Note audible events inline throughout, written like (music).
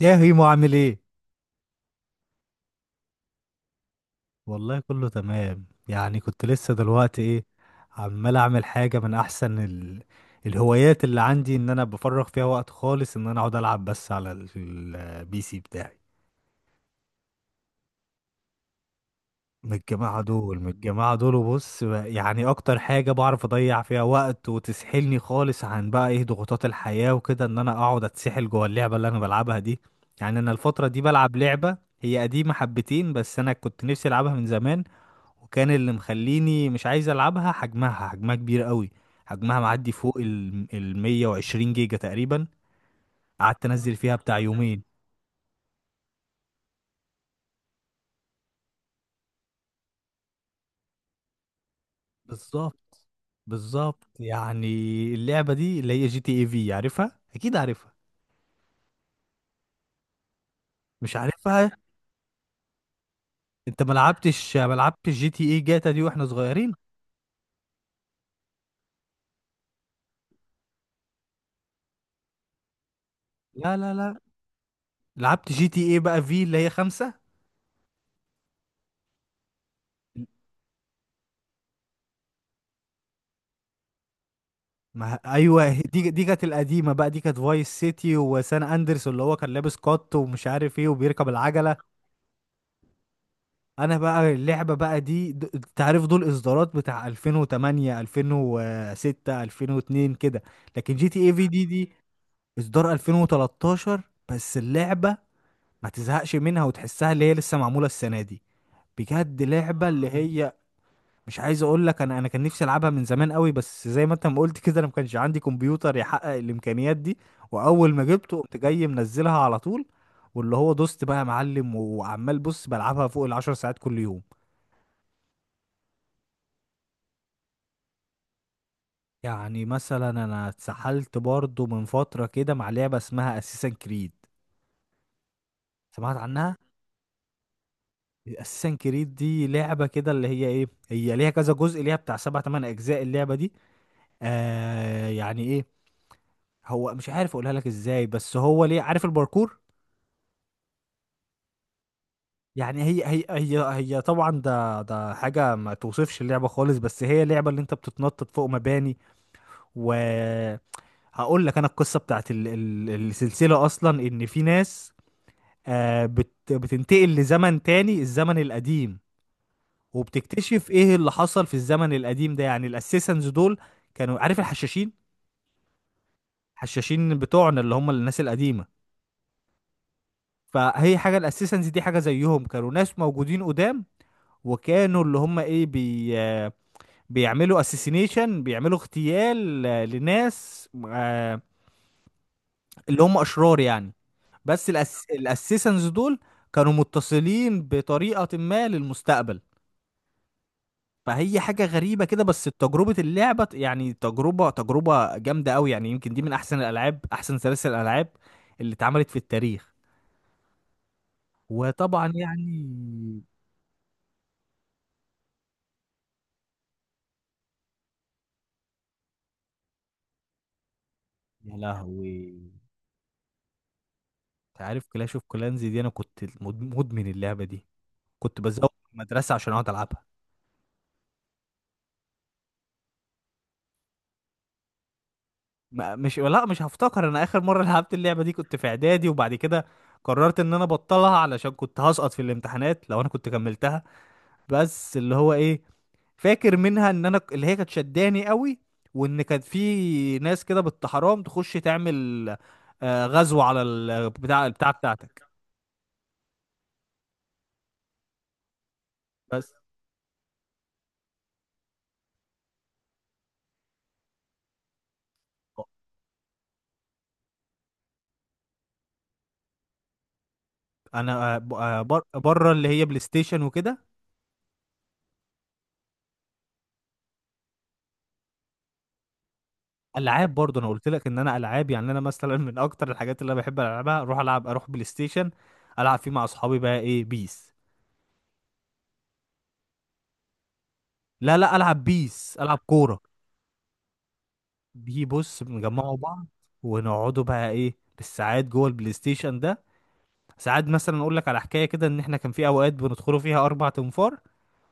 يا هيمو، عامل ايه؟ والله كله تمام. يعني كنت لسه دلوقتي ايه عمال اعمل حاجه من احسن الهوايات اللي عندي، ان انا بفرغ فيها وقت خالص، ان انا اقعد العب بس على البي سي بتاعي. من الجماعه دول، من الجماعه دول. وبص يعني اكتر حاجه بعرف اضيع فيها وقت وتسحلني خالص عن بقى ايه ضغوطات الحياه وكده، ان انا اقعد اتسحل جوه اللعبه اللي انا بلعبها دي. يعني انا الفتره دي بلعب لعبه هي قديمه حبتين، بس انا كنت نفسي العبها من زمان. وكان اللي مخليني مش عايز العبها، حجمها حجمها كبير قوي. حجمها معدي فوق ال 120 جيجا تقريبا. قعدت انزل فيها بتاع يومين. بالظبط. بالظبط يعني. اللعبه دي اللي هي جي تي اي في، عارفها؟ اكيد عارفها. مش عارفها؟ انت ما لعبتش، ما لعبتش جي تي اي جاتا دي واحنا صغيرين؟ لا لا لا. لعبت جي تي اي بقى في اللي هي خمسة. ما ايوه، دي كانت القديمه بقى. دي كانت فايس سيتي وسان اندرس، اللي هو كان لابس كات ومش عارف ايه وبيركب العجله. انا بقى اللعبه بقى دي. انت عارف دول اصدارات بتاع 2008، 2006، 2002 كده. لكن جي تي اي في دي دي اصدار 2013. بس اللعبه ما تزهقش منها وتحسها اللي هي لسه معموله السنه دي. بجد لعبه اللي هي، مش عايز اقول لك، انا كان نفسي العبها من زمان قوي، بس زي ما انت ما قلت كده، انا ما كانش عندي كمبيوتر يحقق الامكانيات دي. واول ما جبته قمت جاي منزلها على طول. واللي هو دوست بقى يا معلم، وعمال بص بلعبها فوق العشر ساعات كل يوم. يعني مثلا انا اتسحلت برضو من فترة كده مع لعبة اسمها اساسن كريد. سمعت عنها؟ اساسن كريد دي لعبة كده اللي هي ايه، هي ليها كذا جزء، ليها بتاع سبع تمن اجزاء اللعبة دي. آه يعني ايه، هو مش عارف اقولها لك ازاي، بس هو ليه عارف الباركور. يعني هي طبعا ده حاجة ما توصفش اللعبة خالص، بس هي لعبة اللي انت بتتنطط فوق مباني. و هقول لك انا القصة بتاعت السلسلة اصلا، ان في ناس بتنتقل لزمن تاني، الزمن القديم. وبتكتشف ايه اللي حصل في الزمن القديم ده، يعني الاسيسنز دول كانوا عارف الحشاشين. الحشاشين بتوعنا، اللي هم الناس القديمة. فهي حاجة، الاسيسنز دي حاجة زيهم، كانوا ناس موجودين قدام. وكانوا اللي هم ايه بي آه، بيعملوا اسيسينيشن، بيعملوا اغتيال لناس اللي هم اشرار يعني. بس الاسيسنز دول كانوا متصلين بطريقة ما للمستقبل. فهي حاجة غريبة كده، بس تجربة اللعبة يعني، تجربة تجربة جامدة أوي، يعني يمكن دي من أحسن الألعاب، أحسن سلاسل الألعاب اللي اتعملت في التاريخ. وطبعا يعني، يا لهوي. أنت عارف كلاش اوف كلانز دي، أنا كنت مدمن اللعبة دي. كنت بزوق المدرسة عشان أقعد ألعبها. مش، لا، مش هفتكر. أنا آخر مرة لعبت اللعبة دي كنت في إعدادي، وبعد كده قررت إن أنا أبطلها علشان كنت هسقط في الامتحانات لو أنا كنت كملتها. بس اللي هو إيه، فاكر منها ان انا اللي هي كانت شداني قوي، وان كان في ناس كده حرام تخش تعمل غزو على بتاع البتاع بتاعتك. بس انا بره اللي هي بلاي ستيشن وكده. العاب برضه، انا قلت لك ان انا العاب. يعني انا مثلا من اكتر الحاجات اللي انا بحب العبها اروح العب اروح بلاي ستيشن، العب فيه مع اصحابي بقى ايه بيس. لا لا، العب بيس، العب كوره. بص، بنجمعوا بعض ونقعدوا بقى ايه بالساعات جوه البلاي ستيشن ده. ساعات مثلا اقول لك على حكايه كده، ان احنا كان في اوقات بندخلوا فيها اربع تنفار،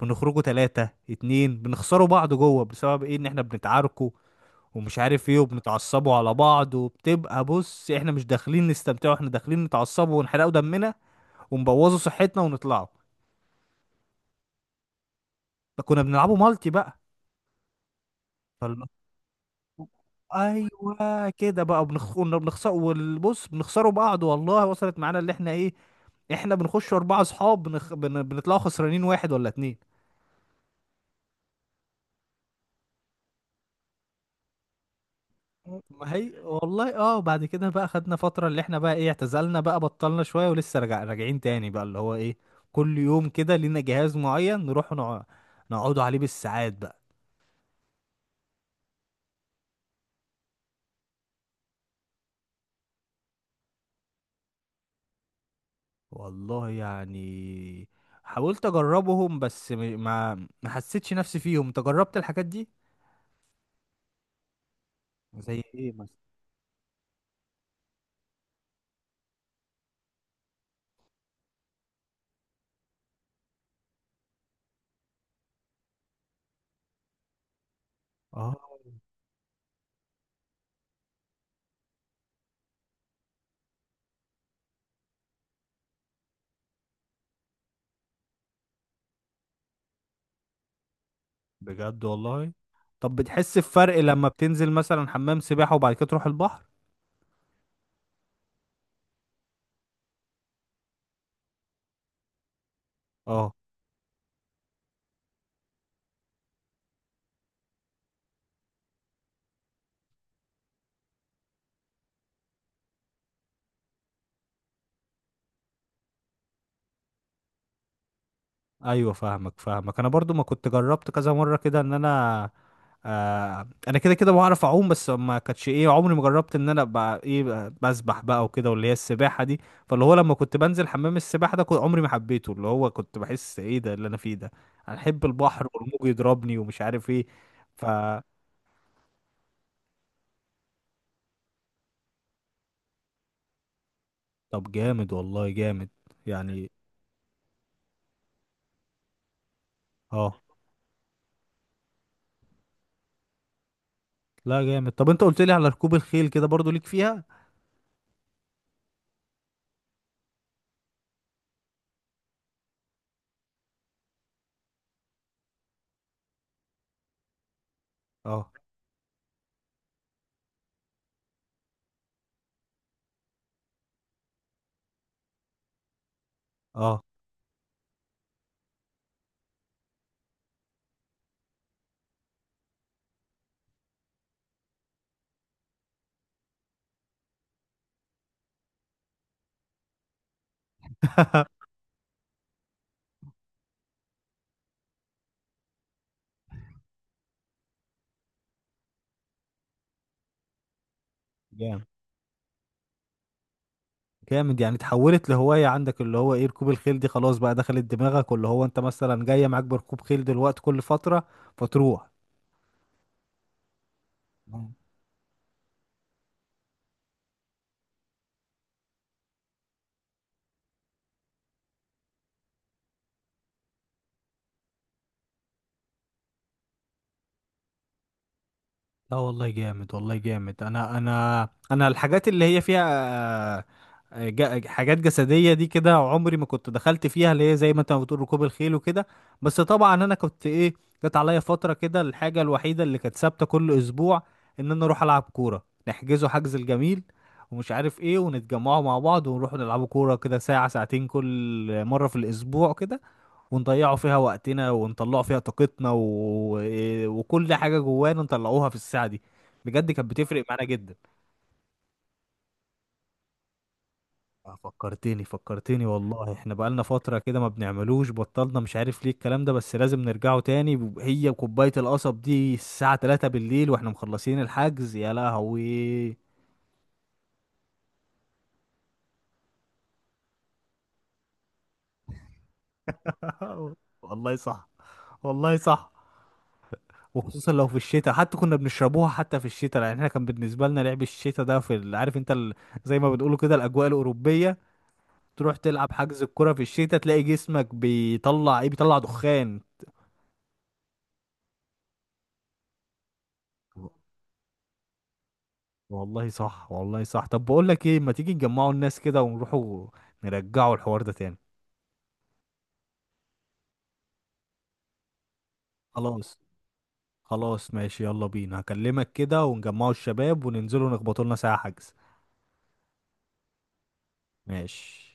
بنخرجوا ثلاثه اتنين، بنخسروا بعض جوه بسبب ايه، ان احنا بنتعاركوا ومش عارف ايه، وبنتعصبوا على بعض، وبتبقى بص احنا مش داخلين نستمتعوا، احنا داخلين نتعصبوا ونحرقوا دمنا ونبوظوا صحتنا ونطلعوا. ده كنا بنلعبوا مالتي بقى. فال- ايوه كده بقى كنا بنخسر، والبص بنخسروا بعض، والله وصلت معانا اللي احنا ايه، احنا بنخش اربعه اصحاب بنطلعوا خسرانين واحد ولا اتنين. ما هي والله، اه، بعد كده بقى خدنا فترة اللي احنا بقى ايه، اعتزلنا بقى، بطلنا شوية، ولسه راجعين تاني بقى اللي هو ايه، كل يوم كده لينا جهاز معين نروح نقعدوا عليه بالساعات بقى. والله يعني حاولت اجربهم بس ما ما حسيتش نفسي فيهم. انت جربت الحاجات دي؟ زي ايه مثلا؟ اه، بجد والله. طب بتحس بفرق لما بتنزل مثلا حمام سباحة وبعد كده تروح البحر؟ اه. ايوه، فاهمك فاهمك. انا برضو ما كنت جربت كذا مرة كده، ان انا انا كده كده بعرف اعوم، بس ما كانتش ايه، عمري ما جربت ان انا ابقى ايه بسبح بقى وكده، واللي هي السباحه دي. فاللي هو لما كنت بنزل حمام السباحه ده كنت عمري ما حبيته، اللي هو كنت بحس ايه ده اللي انا فيه ده. انا احب البحر والموج يضربني ومش عارف ايه. ف طب جامد والله، جامد يعني. اه، لا جامد. طب انت قلت لي على ركوب الخيل كده، برضو ليك فيها؟ اه اه (laughs) جامد، جامد يعني. اتحولت لهواية عندك اللي هو ايه، ركوب الخيل دي خلاص بقى دخلت دماغك. واللي هو انت مثلا جاية معاك بركوب خيل دلوقتي كل فترة فتروح. لا والله جامد، والله جامد. انا الحاجات اللي هي فيها آه، حاجات جسدية دي كده عمري ما كنت دخلت فيها، اللي هي زي ما انت ما بتقول ركوب الخيل وكده. بس طبعا انا كنت ايه، جت عليا فترة كده الحاجة الوحيدة اللي كانت ثابتة كل اسبوع، ان انا اروح العب كورة نحجزه حجز الجميل ومش عارف ايه، ونتجمعوا مع بعض، ونروح نلعبوا كورة كده ساعة ساعتين كل مرة في الاسبوع كده، ونضيعوا فيها وقتنا، ونطلعوا فيها طاقتنا، وكل حاجة جوانا نطلعوها في الساعة دي. بجد كانت بتفرق معانا جدا. فكرتني فكرتني والله، احنا بقالنا فترة كده ما بنعملوش، بطلنا مش عارف ليه الكلام ده، بس لازم نرجعه تاني. هي وكوباية القصب دي الساعة 3 بالليل واحنا مخلصين الحجز، يا لهوي. (laughs) والله صح، والله صح. وخصوصا لو في الشتاء، حتى كنا بنشربوها حتى في الشتاء، يعني احنا كان بالنسبة لنا لعب الشتاء ده في عارف انت زي ما بتقولوا كده الأجواء الأوروبية. تروح تلعب حجز الكرة في الشتاء تلاقي جسمك بيطلع ايه، بيطلع دخان. والله صح، والله صح. طب بقول لك ايه، ما تيجي نجمعوا الناس كده ونروحوا نرجعوا الحوار ده تاني؟ خلاص. خلاص ماشي، يلا بينا. هكلمك كده ونجمعوا الشباب وننزلوا نخبطوا لنا ساعة حجز. ماشي.